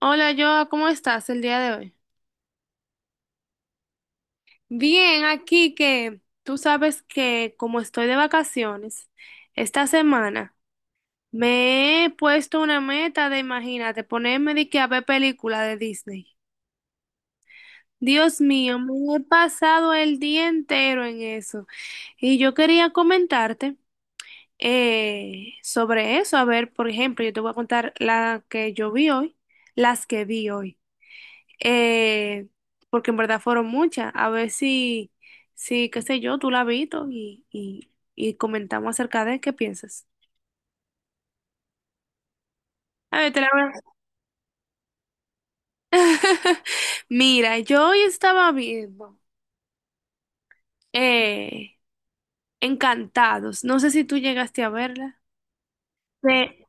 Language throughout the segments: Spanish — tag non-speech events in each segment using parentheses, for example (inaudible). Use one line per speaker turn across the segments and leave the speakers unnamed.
Hola, Joa, ¿cómo estás el día de hoy? Bien, aquí que tú sabes que como estoy de vacaciones, esta semana me he puesto una meta de, imagínate, ponerme de que a ver película de Disney. Dios mío, me he pasado el día entero en eso. Y yo quería comentarte sobre eso. A ver, por ejemplo, yo te voy a contar la que yo vi hoy, las que vi hoy. eh, Porque en verdad fueron muchas. A ver si, qué sé yo, tú la has visto y comentamos acerca de qué piensas. A ver, te la voy a- (laughs) Mira, yo hoy estaba viendo eh, Encantados. No sé si tú llegaste a verla. De,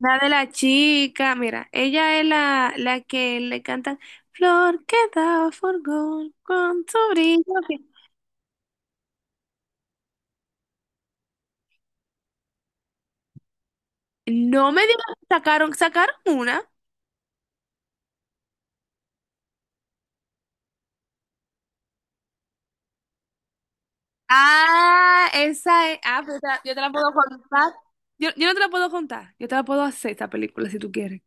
de la chica, mira, ella es la que le cantan flor que da forgón con tu brillo. Que-. No me digas, sacaron una. Ah, esa es. Ah, pero yo te la puedo contar. Yo no te la puedo contar. Yo te la puedo hacer esa película si tú quieres.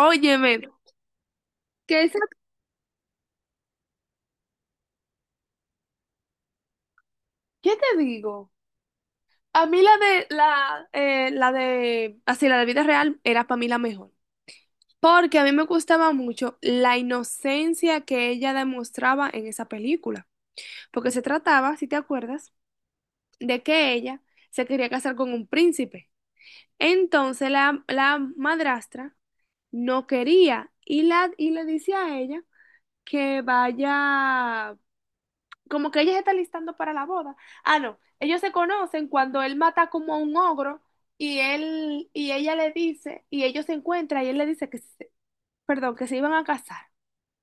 Óyeme, que esa, ¿qué te digo? A mí la de así, la de vida real era para mí la mejor. Porque a mí me gustaba mucho la inocencia que ella demostraba en esa película. Porque se trataba, si te acuerdas, de que ella se quería casar con un príncipe. Entonces la madrastra no quería y le dice a ella que vaya, como que ella se está listando para la boda. Ah, no, ellos se conocen cuando él mata como a un ogro y él y ella le dice y ellos se encuentran y él le dice perdón, que se iban a casar,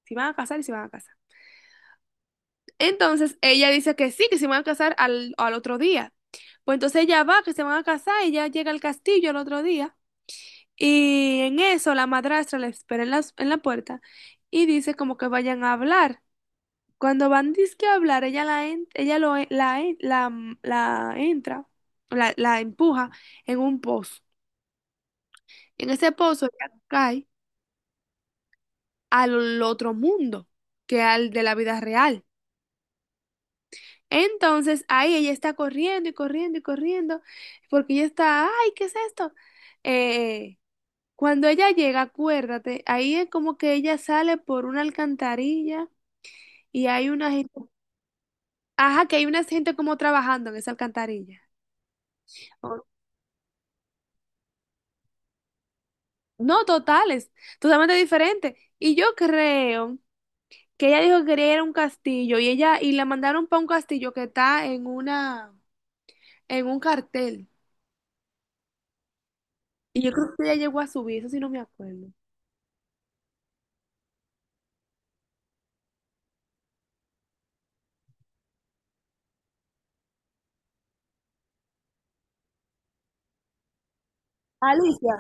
se iban a casar y se iban a casar. Entonces ella dice que sí, que se iban a casar al otro día. Pues entonces ella va, que se van a casar, ella llega al castillo el otro día. Y en eso la madrastra la espera en la puerta y dice como que vayan a hablar. Cuando van dizque a hablar, ella la en- ella lo en- la, mm, la entra, la empuja en un pozo. En ese pozo ella cae al otro mundo, que al de la vida real. Entonces ahí ella está corriendo y corriendo y corriendo, porque ella está, ay, ¿qué es esto? Eh, Cuando ella llega, acuérdate, ahí es como que ella sale por una alcantarilla. Y hay una gente, ajá, que hay una gente como trabajando en esa alcantarilla. O- No, totales, totalmente diferente. Y yo creo que ella dijo que quería ir a un castillo y ella y la mandaron para un castillo que está en una en un cartel. Y yo creo que ella llegó a subir, eso sí no me acuerdo. Alicia.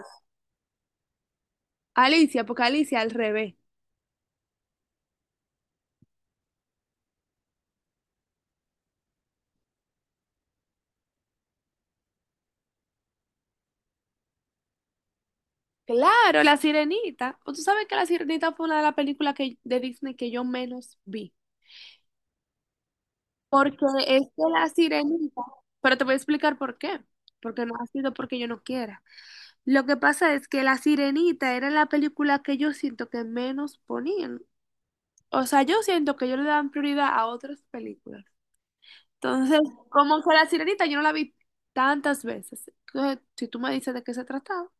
Alicia, porque Alicia al revés. Claro, la sirenita. O tú sabes que la sirenita fue una de las películas que, de Disney que yo menos vi. Porque es que la sirenita, pero te voy a explicar por qué. Porque no ha sido porque yo no quiera. Lo que pasa es que la sirenita era la película que yo siento que menos ponían. O sea, yo siento que ellos le dan prioridad a otras películas. Entonces, como que la sirenita yo no la vi tantas veces. Entonces, si tú me dices de qué se trataba.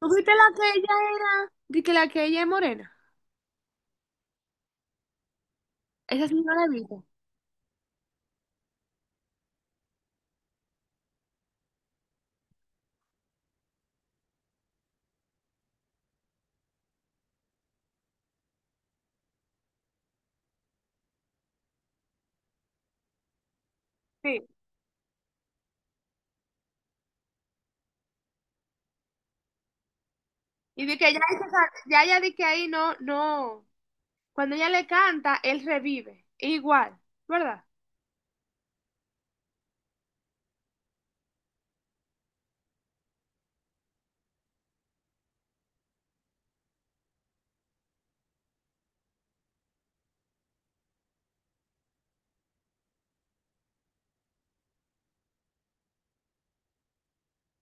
¿Tú viste la que ella era? De que la que ella es morena. Esa sí no la he visto. Sí. Y de que ya, esa- ya, ya de que ahí no, no. Cuando ella le canta, él revive. Igual, ¿verdad?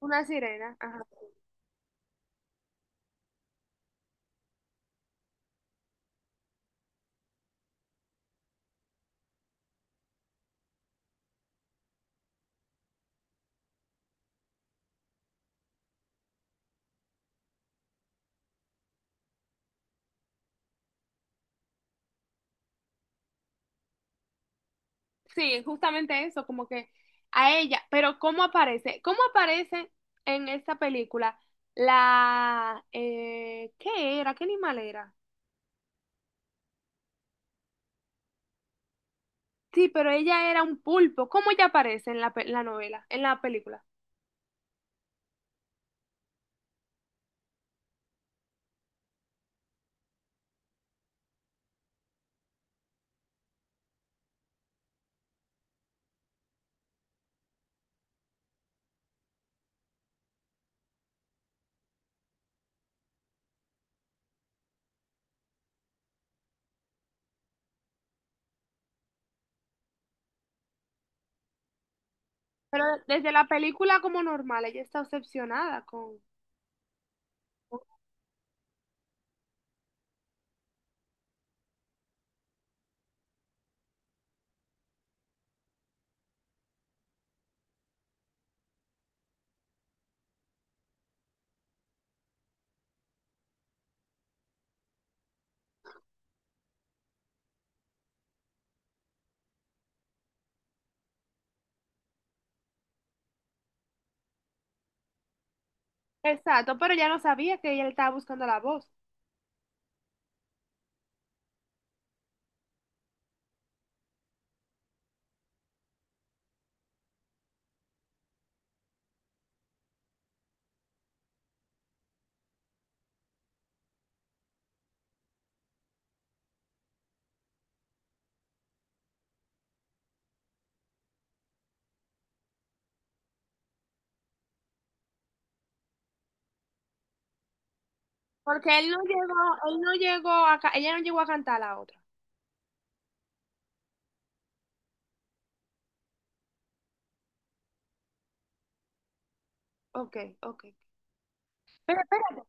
Una sirena. Ajá. Sí, justamente eso, como que a ella. Pero ¿cómo aparece? ¿Cómo aparece en esta película la... ¿qué era? ¿Qué animal era? Sí, pero ella era un pulpo. ¿Cómo ella aparece en la novela, en la película? Pero desde la película como normal, ella está obsesionada con- Exacto, pero ella no sabía que ella le estaba buscando la voz. Porque él no llegó a, ca- ella no llegó a cantar la otra. Ok, ok. Pero espérate,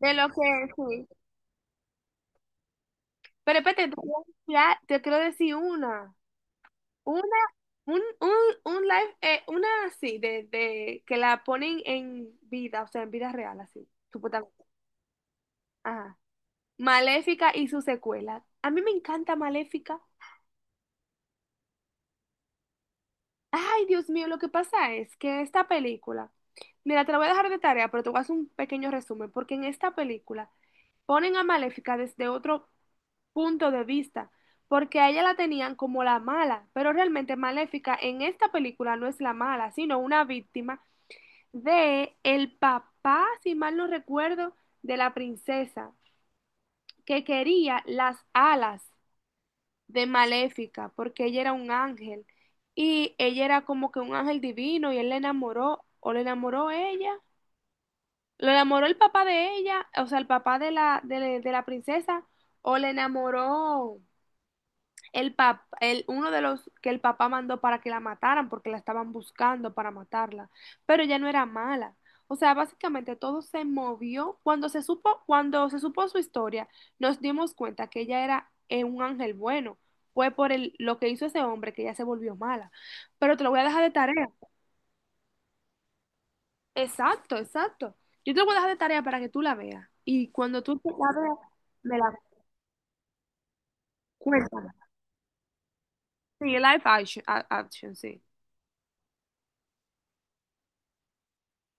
de lo que sí. Pero espérate, te quiero decir una. Una, un, un, un live, una así, de que la ponen en vida, o sea, en vida real, así, supuestamente. Ajá. Maléfica y su secuela. A mí me encanta Maléfica. Ay, Dios mío, lo que pasa es que esta película, mira, te la voy a dejar de tarea, pero te voy a hacer un pequeño resumen, porque en esta película ponen a Maléfica desde otro punto de vista, porque a ella la tenían como la mala, pero realmente Maléfica en esta película no es la mala, sino una víctima de el papá, si mal no recuerdo, de la princesa, que quería las alas de Maléfica, porque ella era un ángel, y ella era como que un ángel divino, y él le enamoró, o le enamoró ella. ¿Lo enamoró el papá de ella, o sea, el papá de de la princesa, o le enamoró uno de los que el papá mandó para que la mataran, porque la estaban buscando para matarla, pero ella no era mala. O sea, básicamente todo se movió. Cuando se supo su historia, nos dimos cuenta que ella era un ángel bueno. Fue por el, lo que hizo ese hombre que ella se volvió mala. Pero te lo voy a dejar de tarea. Exacto, exacto. Yo te lo voy a dejar de tarea para que tú la veas. Y cuando tú te la veas, me la cuentas. Sí, live action, a- action, sí.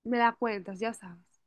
Me la cuentas, ya sabes.